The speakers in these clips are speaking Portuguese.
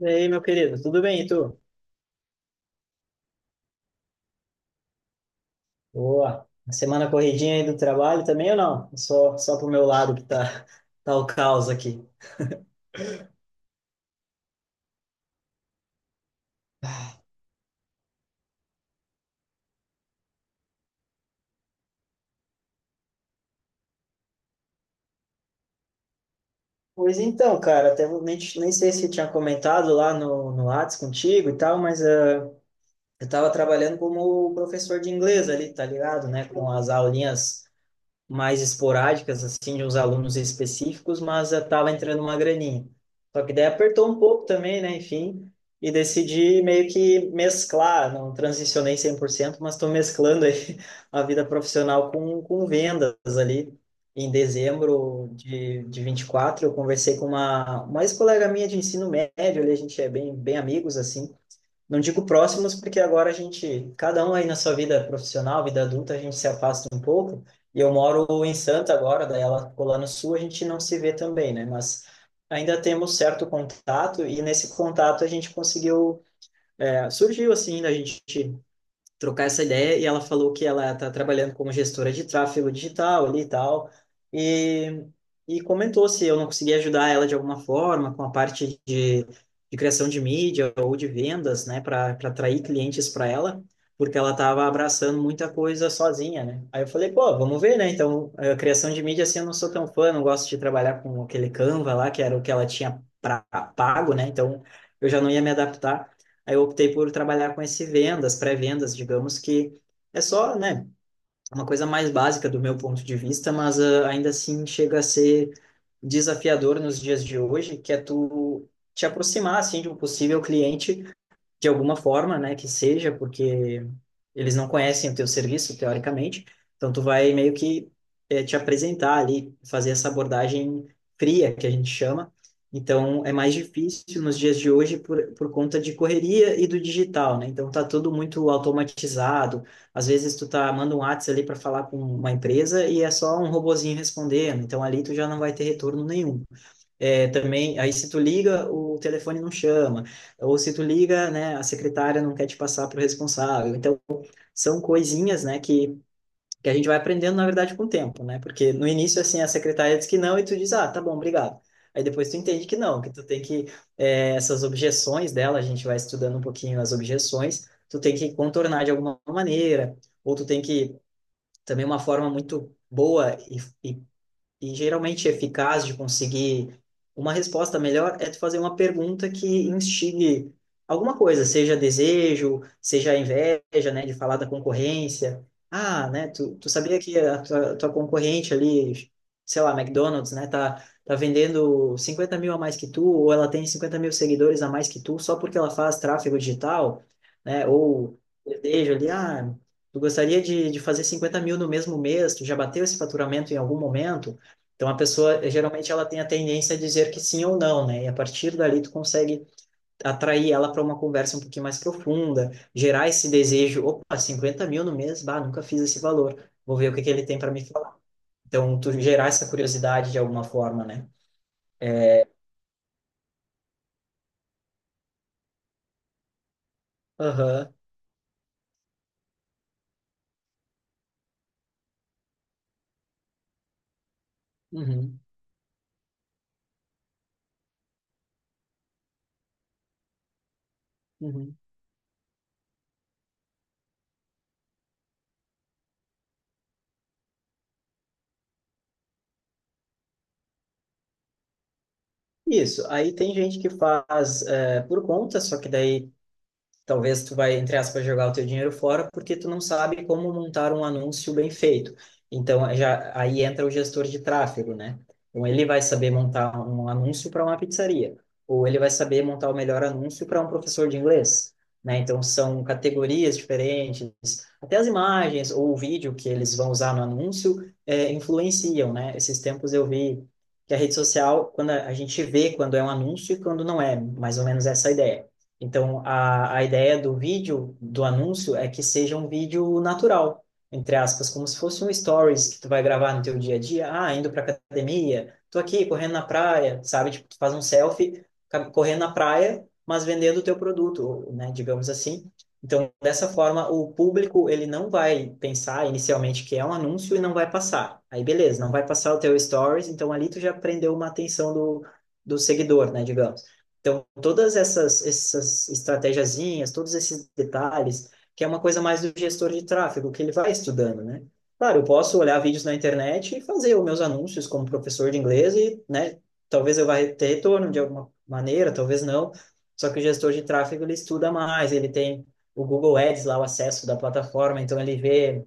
E aí, meu querido, tudo bem, e tu? Boa. A semana corridinha aí do trabalho também ou não? Só pro meu lado que tá, tá o caos aqui. Pois então, cara, até vou- nem, nem sei se tinha comentado lá no Whats contigo e tal, mas eu tava trabalhando como professor de inglês ali, tá ligado, né? Com as aulinhas mais esporádicas, assim, de uns alunos específicos, mas estava entrando uma graninha. Só que daí apertou um pouco também, né? Enfim, e decidi meio que mesclar, não transicionei 100% mas estou mesclando aí a vida profissional com, vendas ali. Em dezembro de 24 eu conversei com uma ex-colega minha de ensino médio, ali a gente é bem, bem amigos, assim, não digo próximos, porque agora a gente, cada um aí na sua vida profissional, vida adulta, a gente se afasta um pouco. E eu moro em Santa agora, daí ela ficou lá no sul, a gente não se vê também, né? Mas ainda temos certo contato, e nesse contato a gente conseguiu, é, surgiu assim, da gente trocar essa ideia e ela falou que ela está trabalhando como gestora de tráfego digital ali e tal, e, e comentou se eu não conseguia ajudar ela de alguma forma com a parte de criação de mídia ou de vendas, né, para atrair clientes para ela, porque ela estava abraçando muita coisa sozinha, né? Aí eu falei, pô, vamos ver, né? Então, a criação de mídia, assim, eu não sou tão fã, não gosto de trabalhar com aquele Canva lá, que era o que ela tinha pra, pago, né? Então, eu já não ia me adaptar. Aí eu optei por trabalhar com esse vendas, pré-vendas, digamos que é só, né, uma coisa mais básica do meu ponto de vista, mas ainda assim chega a ser desafiador nos dias de hoje, que é tu te aproximar assim de um possível cliente de alguma forma, né, que seja, porque eles não conhecem o teu serviço, teoricamente, então tu vai meio que te apresentar ali, fazer essa abordagem fria, que a gente chama, então é mais difícil nos dias de hoje por, conta de correria e do digital, né, então tá tudo muito automatizado, às vezes tu tá, manda um WhatsApp ali para falar com uma empresa e é só um robozinho respondendo, então ali tu já não vai ter retorno nenhum. É, também, aí se tu liga, o telefone não chama, ou se tu liga, né, a secretária não quer te passar para o responsável. Então, são coisinhas, né, que a gente vai aprendendo, na verdade, com o tempo, né? Porque no início, assim, a secretária diz que não e tu diz, ah, tá bom, obrigado. Aí depois tu entende que não, que tu tem que, é, essas objeções dela, a gente vai estudando um pouquinho as objeções, tu tem que contornar de alguma maneira, ou tu tem que, também uma forma muito boa e, e e geralmente eficaz de conseguir uma resposta melhor é tu fazer uma pergunta que instigue alguma coisa, seja desejo, seja inveja, né, de falar da concorrência. Ah, né, tu, sabia que a tua concorrente ali, sei lá, McDonald's, né, tá vendendo 50 mil a mais que tu, ou ela tem 50 mil seguidores a mais que tu, só porque ela faz tráfego digital, né, ou desejo ali, ah, tu gostaria de fazer 50 mil no mesmo mês, tu já bateu esse faturamento em algum momento? Então a pessoa geralmente ela tem a tendência a dizer que sim ou não, né? E a partir dali tu consegue atrair ela para uma conversa um pouquinho mais profunda, gerar esse desejo, opa, 50 mil no mês, bah, nunca fiz esse valor, vou ver o que que ele tem para me falar. Então tu gerar essa curiosidade de alguma forma, né? Aham. Uhum. Uhum. Isso. Aí tem gente que faz por conta, só que daí talvez tu vai, entre aspas, jogar o teu dinheiro fora porque tu não sabe como montar um anúncio bem feito. Então, já aí entra o gestor de tráfego, né? Então, ele vai saber montar um anúncio para uma pizzaria, ou ele vai saber montar o melhor anúncio para um professor de inglês, né? Então, são categorias diferentes, até as imagens ou o vídeo que eles vão usar no anúncio é, influenciam, né? Esses tempos eu vi que a rede social, quando a gente vê quando é um anúncio e quando não é, mais ou menos essa a ideia então, a, ideia do vídeo, do anúncio, é que seja um vídeo natural, entre aspas, como se fosse um stories que tu vai gravar no teu dia a dia. Ah, indo pra academia, tô aqui correndo na praia, sabe? Tipo, tu faz um selfie correndo na praia, mas vendendo o teu produto, né? Digamos assim. Então, dessa forma, o público, ele não vai pensar inicialmente que é um anúncio e não vai passar. Aí, beleza, não vai passar o teu stories, então ali tu já prendeu uma atenção do, seguidor, né? Digamos. Então, todas essas estratégiazinhas, todos esses detalhes, que é uma coisa mais do gestor de tráfego, que ele vai estudando, né? Claro, eu posso olhar vídeos na internet e fazer os meus anúncios como professor de inglês e, né, talvez eu vá ter retorno de alguma maneira, talvez não. Só que o gestor de tráfego, ele estuda mais, ele tem o Google Ads lá, o acesso da plataforma, então ele vê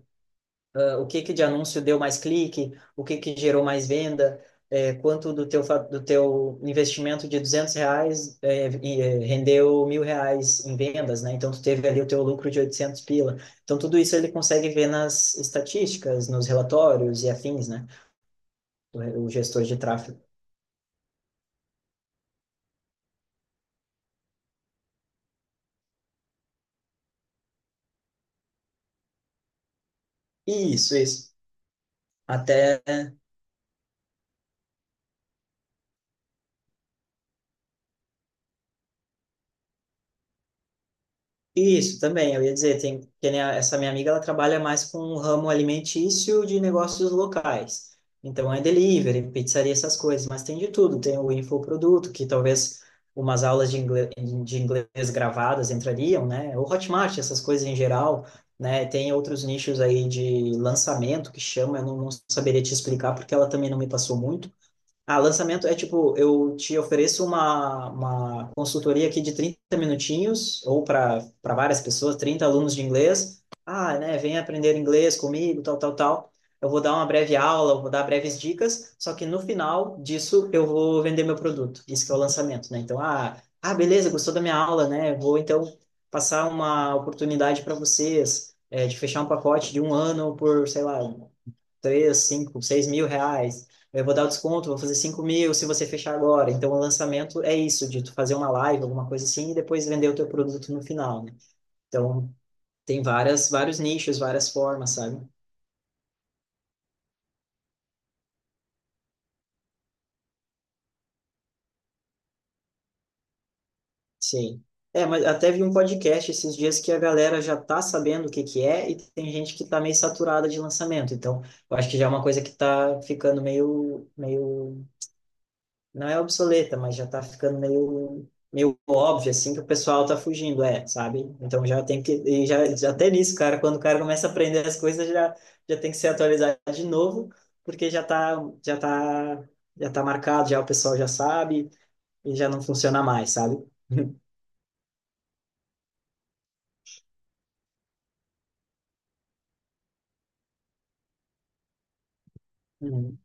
o que que de anúncio deu mais clique, o que que gerou mais venda, é, quanto do teu investimento de R$ 200 rendeu R$ 1.000 em vendas, né? Então, tu teve ali o teu lucro de 800 pila. Então, tudo isso ele consegue ver nas estatísticas, nos relatórios e afins, né? O, o gestor de tráfego. Isso, isso. Até Isso também, eu ia dizer, tem, que nem essa minha amiga, ela trabalha mais com o ramo alimentício de negócios locais. Então é delivery, pizzaria, essas coisas, mas tem de tudo. Tem o infoproduto, que talvez umas aulas de inglês, gravadas entrariam, né? O Hotmart, essas coisas em geral, né? Tem outros nichos aí de lançamento que chama, eu não, saberia te explicar porque ela também não me passou muito lançamento é tipo, eu te ofereço uma consultoria aqui de 30 minutinhos, ou para várias pessoas, 30 alunos de inglês. Ah, né, vem aprender inglês comigo, tal, tal, tal. Eu vou dar uma breve aula, eu vou dar breves dicas, só que no final disso eu vou vender meu produto. Isso que é o lançamento, né? Então, beleza, gostou da minha aula, né? Vou então passar uma oportunidade para vocês, é, de fechar um pacote de um ano por, sei lá, três, cinco, seis mil reais. Eu vou dar o desconto, vou fazer 5.000 se você fechar agora. Então, o lançamento é isso, de tu fazer uma live, alguma coisa assim, e depois vender o teu produto no final, né? Então, tem várias, vários nichos, várias formas, sabe? Sim. É, mas até vi um podcast esses dias que a galera já tá sabendo o que que é e tem gente que tá meio saturada de lançamento. Então, eu acho que já é uma coisa que tá ficando meio, meio não é obsoleta, mas já tá ficando meio, meio óbvio, assim, que o pessoal tá fugindo, é, sabe? Então já tem que, e já até nisso, cara, quando o cara começa a aprender as coisas, já, já, tem que se atualizar de novo, porque já tá, já tá, já tá marcado, já o pessoal já sabe, e já não funciona mais, sabe? Uhum,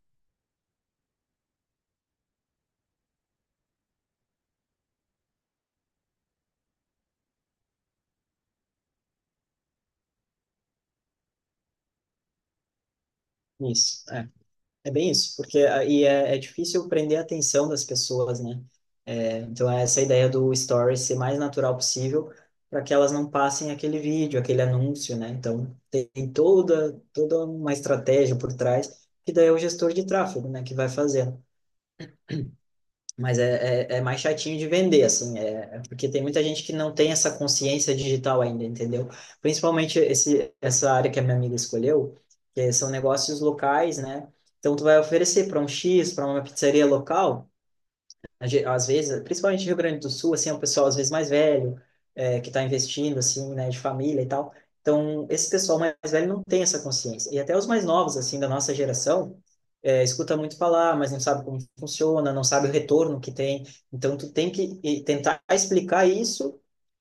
isso. é. É bem isso, porque aí é difícil prender a atenção das pessoas, né? É, então, é essa ideia do story ser mais natural possível para que elas não passem aquele vídeo, aquele anúncio, né? Então, tem toda, uma estratégia por trás, que daí é o gestor de tráfego, né, que vai fazer. Mas é, mais chatinho de vender, assim, é porque tem muita gente que não tem essa consciência digital ainda, entendeu? Principalmente esse, essa área que a minha amiga escolheu, que são negócios locais, né? Então, tu vai oferecer para um X, para uma pizzaria local, às vezes, principalmente Rio Grande do Sul, assim, é um pessoal às vezes mais velho, é, que está investindo, assim, né, de família e tal. Então, esse pessoal mais velho não tem essa consciência. E até os mais novos, assim, da nossa geração, é, escuta muito falar, mas não sabe como funciona, não sabe o retorno que tem. Então, tu tem que tentar explicar isso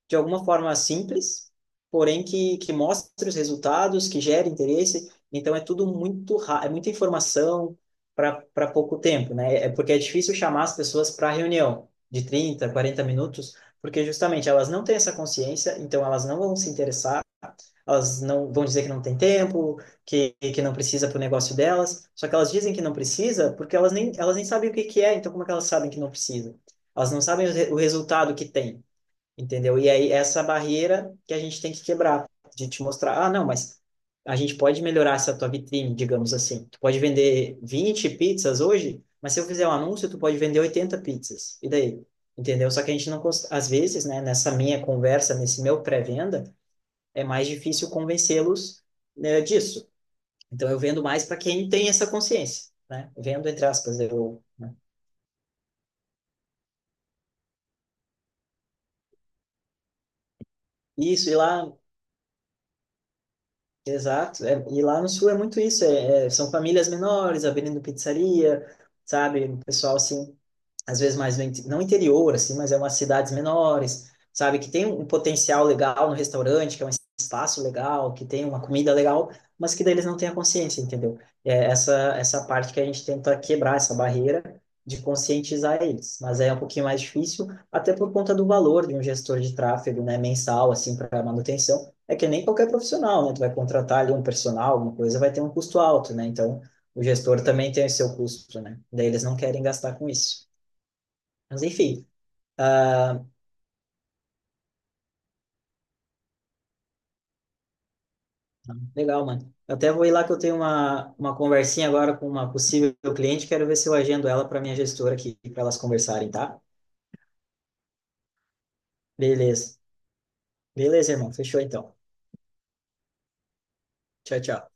de alguma forma simples, porém que, mostre os resultados, que gere interesse. Então é tudo muito é muita informação para pouco tempo, né? É porque é difícil chamar as pessoas para reunião de 30, 40 minutos, porque justamente elas não têm essa consciência, então elas não vão se interessar, elas não vão dizer que não tem tempo, que, não precisa para o negócio delas. Só que elas dizem que não precisa porque elas nem sabem o que que é, então como é que elas sabem que não precisa? Elas não sabem o resultado que tem. Entendeu? E aí, essa barreira que a gente tem que quebrar, de te mostrar, ah, não, mas a gente pode melhorar essa tua vitrine, digamos assim. Tu pode vender 20 pizzas hoje, mas se eu fizer um anúncio, tu pode vender 80 pizzas. E daí? Entendeu? Só que a gente não, às vezes, né, nessa minha conversa, nesse meu pré-venda, é mais difícil convencê-los, né, disso. Então, eu vendo mais para quem tem essa consciência, né? Vendo, entre aspas, eu, né? Isso, e lá. Exato. É, e lá no sul é muito isso. São famílias menores abrindo pizzaria, sabe? O pessoal assim às vezes mais no, não interior, assim, mas é umas cidades menores, sabe? Que tem um potencial legal no restaurante, que é um espaço legal, que tem uma comida legal, mas que daí eles não têm a consciência, entendeu? É essa, parte que a gente tenta quebrar, essa barreira de conscientizar eles. Mas é um pouquinho mais difícil, até por conta do valor de um gestor de tráfego, né, mensal, assim, para manutenção. É que nem qualquer profissional, né? Tu vai contratar ali um personal, alguma coisa, vai ter um custo alto, né? Então, o gestor também tem o seu custo, né? Daí eles não querem gastar com isso. Mas enfim, legal, mano. Eu até vou ir lá que eu tenho uma, conversinha agora com uma possível cliente, quero ver se eu agendo ela para minha gestora aqui, para elas conversarem, tá? Beleza. Beleza, irmão. Fechou então. Tchau, tchau.